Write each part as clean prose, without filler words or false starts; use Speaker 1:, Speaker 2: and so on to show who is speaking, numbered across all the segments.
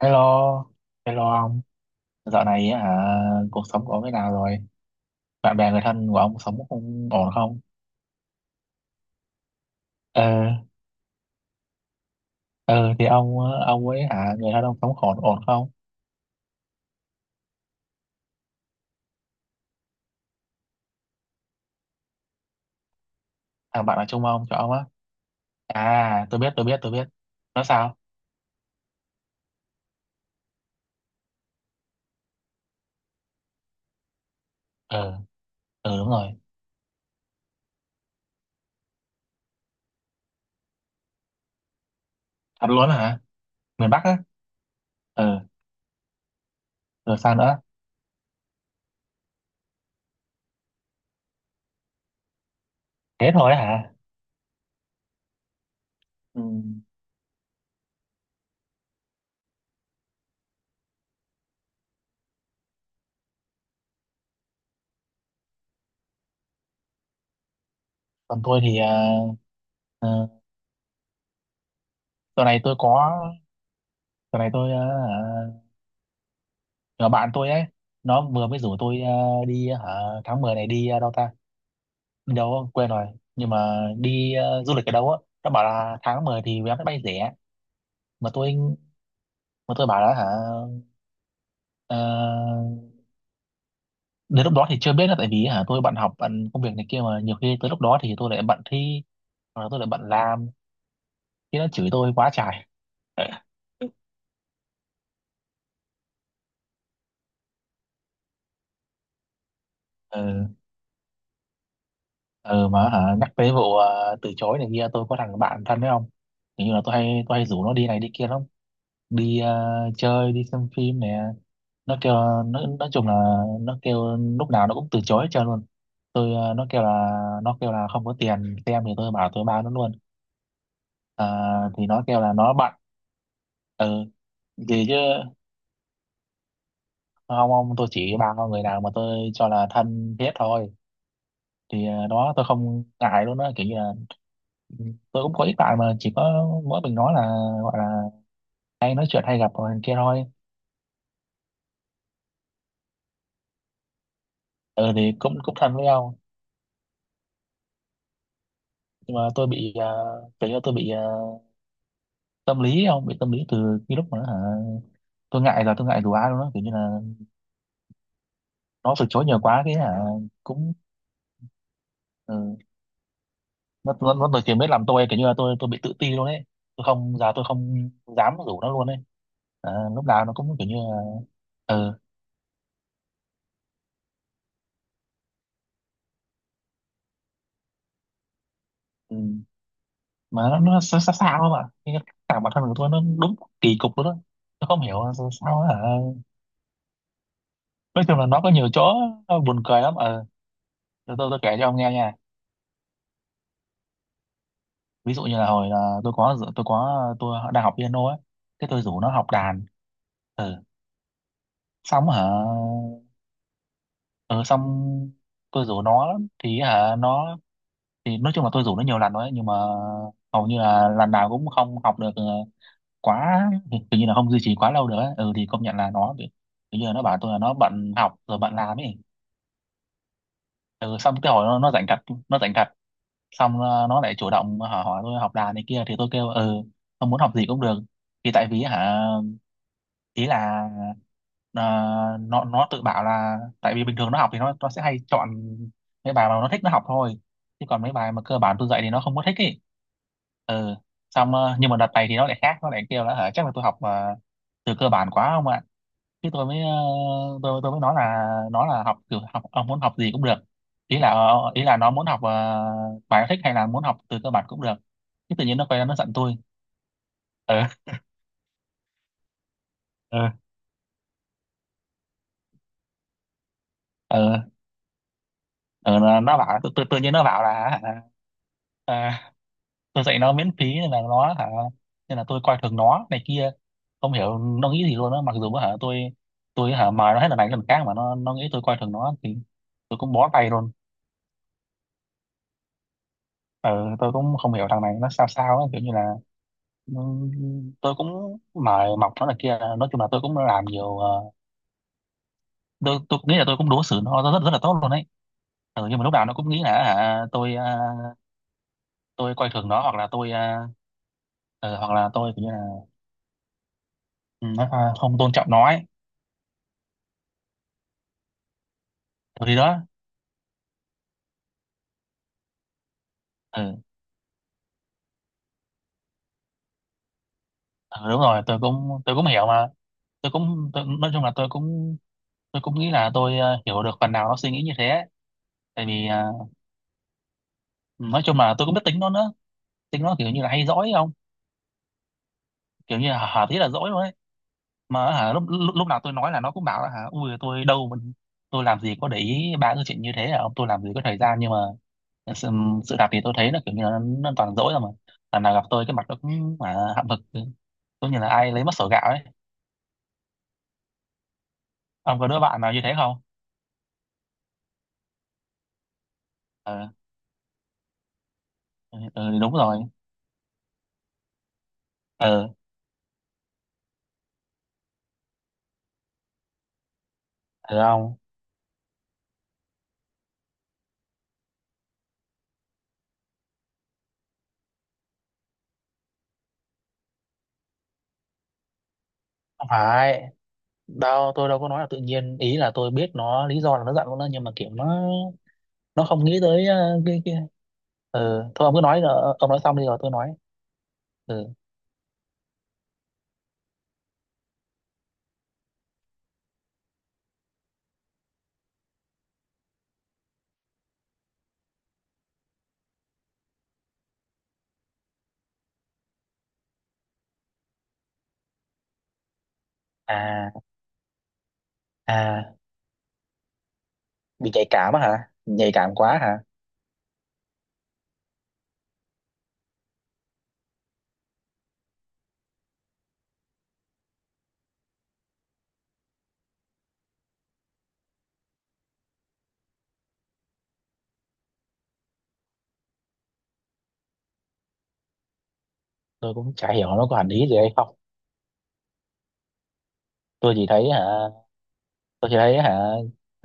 Speaker 1: Hello, hello ông. Dạo này á, cuộc sống của ông thế nào rồi? Bạn bè người thân của ông sống không ổn không? Ờ, ờ thì ông ấy, người thân ông sống ổn ổn không? Thằng bạn ở chung ông cho ông á. À, tôi biết, tôi biết, tôi biết. Nó sao? Ờ, ờ đúng rồi. Thật luôn hả? Miền Bắc á? Ờ, rồi sao nữa? Thế thôi hả? Ừ. Còn tôi thì ờ, tuần này tôi có, tuần này tôi nhỏ bạn tôi ấy, nó vừa mới rủ tôi đi tháng 10 này đi đâu ta? Đâu quên rồi, nhưng mà đi du lịch ở đâu á, nó bảo là tháng 10 thì vé máy bay rẻ. Mà tôi mà tôi bảo là ờ, đến lúc đó thì chưa biết, là tại vì tôi bận học bận công việc này kia, mà nhiều khi tới lúc đó thì tôi lại bận thi, hoặc là tôi lại bận làm. Khi nó chửi tôi quá trời. Ừ, ừ mà nhắc tới vụ từ chối này kia, tôi có thằng bạn thân đấy không. Kiểu như là tôi hay rủ nó đi này đi kia lắm. Đi chơi, đi xem phim nè. Nó kêu, nó nói chung là nó kêu lúc nào nó cũng từ chối hết trơn luôn. Nó kêu là không có tiền xem, thì tôi bảo tôi bao nó luôn. À, thì nó kêu là nó bận. Ừ, gì chứ, không ông, tôi chỉ bao con người nào mà tôi cho là thân thiết thôi. Thì đó tôi không ngại luôn á, kiểu như là, ừ, tôi cũng có ít bạn mà chỉ có mỗi mình nói là, gọi là hay nói chuyện hay gặp rồi kia thôi. Ừ thì cũng cũng thân với nhau. Nhưng mà tôi bị kiểu như tôi bị tâm lý, ông bị tâm lý từ cái lúc mà nó, tôi ngại đùa ai luôn đó, kiểu như là nó từ chối nhiều quá cái cũng, ừ, nó từ mới làm tôi kiểu như là tôi bị tự ti luôn ấy. Tôi không giờ tôi không dám rủ nó luôn ấy. À, lúc nào nó cũng kiểu như là, ừ, ừ. Mà nó xa xa, xa không ạ. Cái, cả bản thân của tôi nó đúng kỳ cục luôn đó. Tôi không hiểu là sao, sao á, nói chung là nó có nhiều chỗ buồn cười lắm. Ờ ừ. tôi kể cho ông nghe nha. Ví dụ như là hồi là tôi đang học piano ấy. Thế tôi rủ nó học đàn. Ừ. Xong hả, ừ, xong tôi rủ nó lắm thì nó, thì nói chung là tôi rủ nó nhiều lần rồi ấy, nhưng mà hầu như là lần nào cũng không học được quá, hình như là không duy trì quá lâu được ấy. Ừ thì công nhận là nó bị, hình như là nó bảo tôi là nó bận học rồi bận làm ấy. Ừ, xong cái hồi nó rảnh thật, nó rảnh thật. Xong nó lại chủ động hỏi tôi học đàn này kia, thì tôi kêu ừ không muốn học gì cũng được. Thì tại vì ý là ờ, nó tự bảo là tại vì bình thường nó học thì nó sẽ hay chọn mấy bài mà nó thích nó học thôi, chứ còn mấy bài mà cơ bản tôi dạy thì nó không có thích ý. Ừ, xong nhưng mà đợt này thì nó lại khác, nó lại kêu là chắc là tôi học từ cơ bản quá không ạ. Chứ tôi mới tôi mới nói là, nó là học kiểu học ông muốn học gì cũng được. Ý là nó muốn học bài nó thích hay là muốn học từ cơ bản cũng được, chứ tự nhiên nó quay ra nó giận tôi. ờ ờ ờ ờ, nó bảo tự nhiên nó bảo là, à, tôi dạy nó miễn phí nên là nó, nên là tôi coi thường nó này kia. Không hiểu nó nghĩ gì luôn á, mặc dù tôi mời nó hết lần này đến lần khác mà nó nghĩ tôi coi thường nó, thì tôi cũng bó tay luôn. Ừ, tôi cũng không hiểu thằng này nó sao sao á, kiểu như là, ừ, tôi cũng mời mọc nó này kia, nói chung là tôi cũng làm nhiều, tôi nghĩ là tôi cũng đối xử nó rất rất là tốt luôn đấy. Ừ, nhưng mà lúc nào nó cũng nghĩ là tôi, tôi coi thường nó, hoặc là tôi ừ, hoặc là tôi kiểu như là, ừ, nó không tôn trọng nó ấy. Ừ, thì đó, ừ. Ừ, đúng rồi, tôi cũng hiểu mà. Nói chung là tôi cũng, tôi cũng nghĩ là tôi hiểu được phần nào nó suy nghĩ như thế. Tại vì nói chung là tôi cũng biết tính nó nữa. Tính nó kiểu như là hay dỗi không, kiểu như là hả hả tí là dỗi luôn ấy. Mà lúc, lúc lúc nào tôi nói là nó cũng bảo là hả ui tôi đâu mà- tôi làm gì có để ý ba cái chuyện như thế à ông, tôi làm gì có thời gian nhưng mà sự, sự thật thì tôi thấy là kiểu như là nó toàn dỗi rồi mà lần nào gặp tôi cái mặt nó cũng mà hậm hực, giống như là ai lấy mất sổ gạo ấy. Ông có đứa bạn nào như thế không? Ờ. Ừ, ừ, đúng rồi. Ờ. Được không? Không phải. Đâu, tôi đâu có nói là tự nhiên. Ý là tôi biết nó lý do là nó giận con đó, nhưng mà kiểu nó không nghĩ tới cái kia. Ừ, thôi ông cứ nói rồi, ông nói xong đi rồi tôi nói. Ừ. À, à, bị nhạy cảm á hả? Nhạy cảm quá hả? Tôi cũng chả hiểu nó có hẳn ý gì hay không. Tôi chỉ thấy hả, tôi chỉ thấy hả,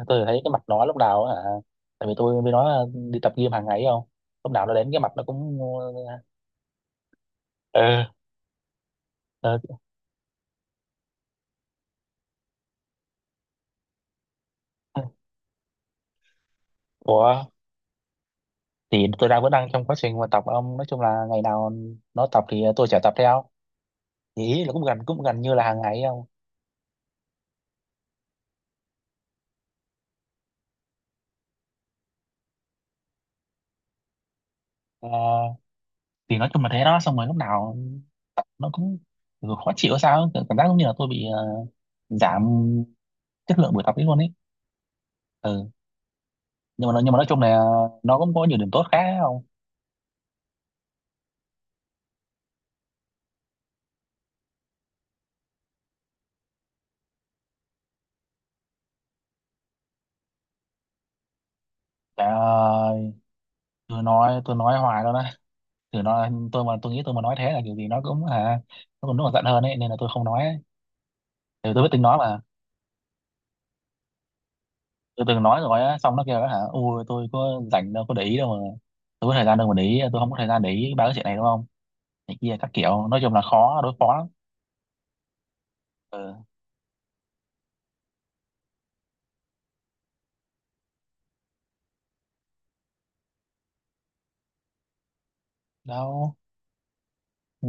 Speaker 1: tôi chỉ thấy cái mặt nó lúc nào á, tại vì tôi với nó đi tập gym hàng ngày ấy không? Lúc nào nó đến cái mặt nó cũng, ừ, ừ. Ủa, thì tôi đang, vẫn đang trong quá trình mà tập ông, nói chung là ngày nào nó tập thì tôi sẽ tập theo, thì ý là cũng gần như là hàng ngày ấy ông. Ờ, thì nói chung là thế đó, xong rồi lúc nào nó cũng kiểu khó chịu sao ấy, kiểu cảm giác giống như là tôi bị giảm chất lượng buổi tập ấy luôn ấy. Ừ, nhưng mà nhưng mà nói chung là nó cũng có nhiều điểm tốt khác ấy không. Trời, tôi nói hoài luôn á. Từ nó tôi, mà tôi nghĩ tôi mà nói thế là kiểu gì nó cũng, à, nó còn giận hơn ấy, nên là tôi không nói ấy. Ừ, tôi biết tính nói mà. Tôi từng nói rồi á, xong nó kêu đó, hả ui tôi có rảnh đâu có để ý đâu mà, tôi có thời gian đâu mà để ý, tôi không có thời gian để ý ba cái chuyện này đúng không, này kia các kiểu, nói chung là khó đối phó lắm. Ừ, đâu, ừ,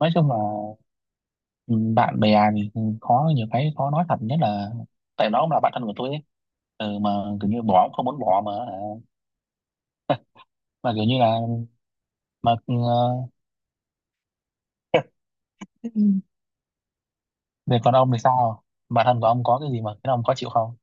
Speaker 1: nói chung là, ừ, bạn bè thì khó, nhiều cái khó nói thật, nhất là tại nó cũng là bạn thân của tôi ấy. Ừ, mà kiểu như bỏ cũng không muốn bỏ mà hả? Mà kiểu như là mà, ừ, về còn ông thì sao? Bạn thân của ông có cái gì mà cái ông có chịu không?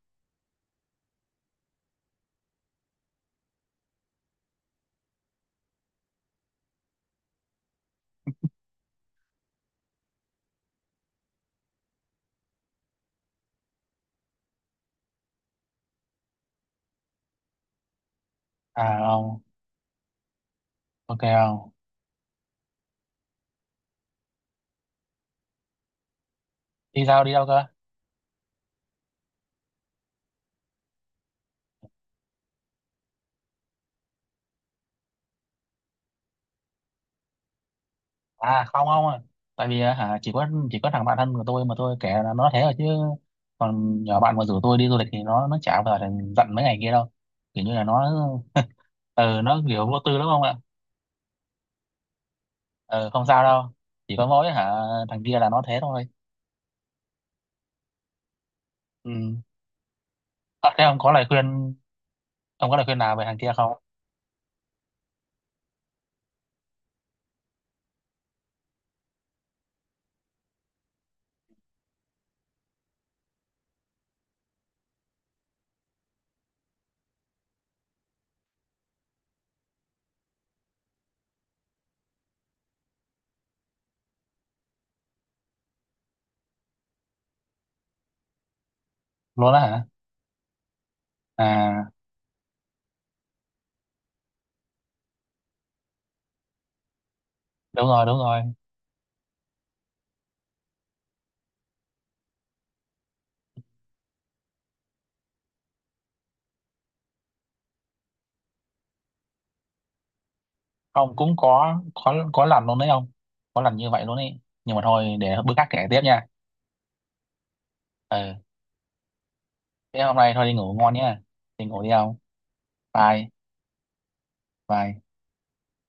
Speaker 1: À không, ok không. Đi sao, đi đâu cơ? À không không à. Tại vì á, chỉ có thằng bạn thân của tôi mà tôi kể là nó thế rồi chứ, còn nhỏ bạn mà rủ tôi đi du lịch thì nó chả bao giờ giận mấy ngày kia đâu. Kiểu như là nó, ờ nó kiểu vô tư lắm không ạ. Ờ, không sao đâu. Chỉ có mỗi thằng kia là nó thế thôi. Ừ, à, thế ông có lời khuyên nào về thằng kia không? Luôn á hả. À, đúng rồi, đúng rồi. Không, cũng có lần luôn đấy không, có lần như vậy luôn ấy, nhưng mà thôi để bữa khác kể tiếp nha. Ừ, thế hôm nay thôi đi ngủ ngon nhá. Đi ngủ đi ông. Vai. Vai.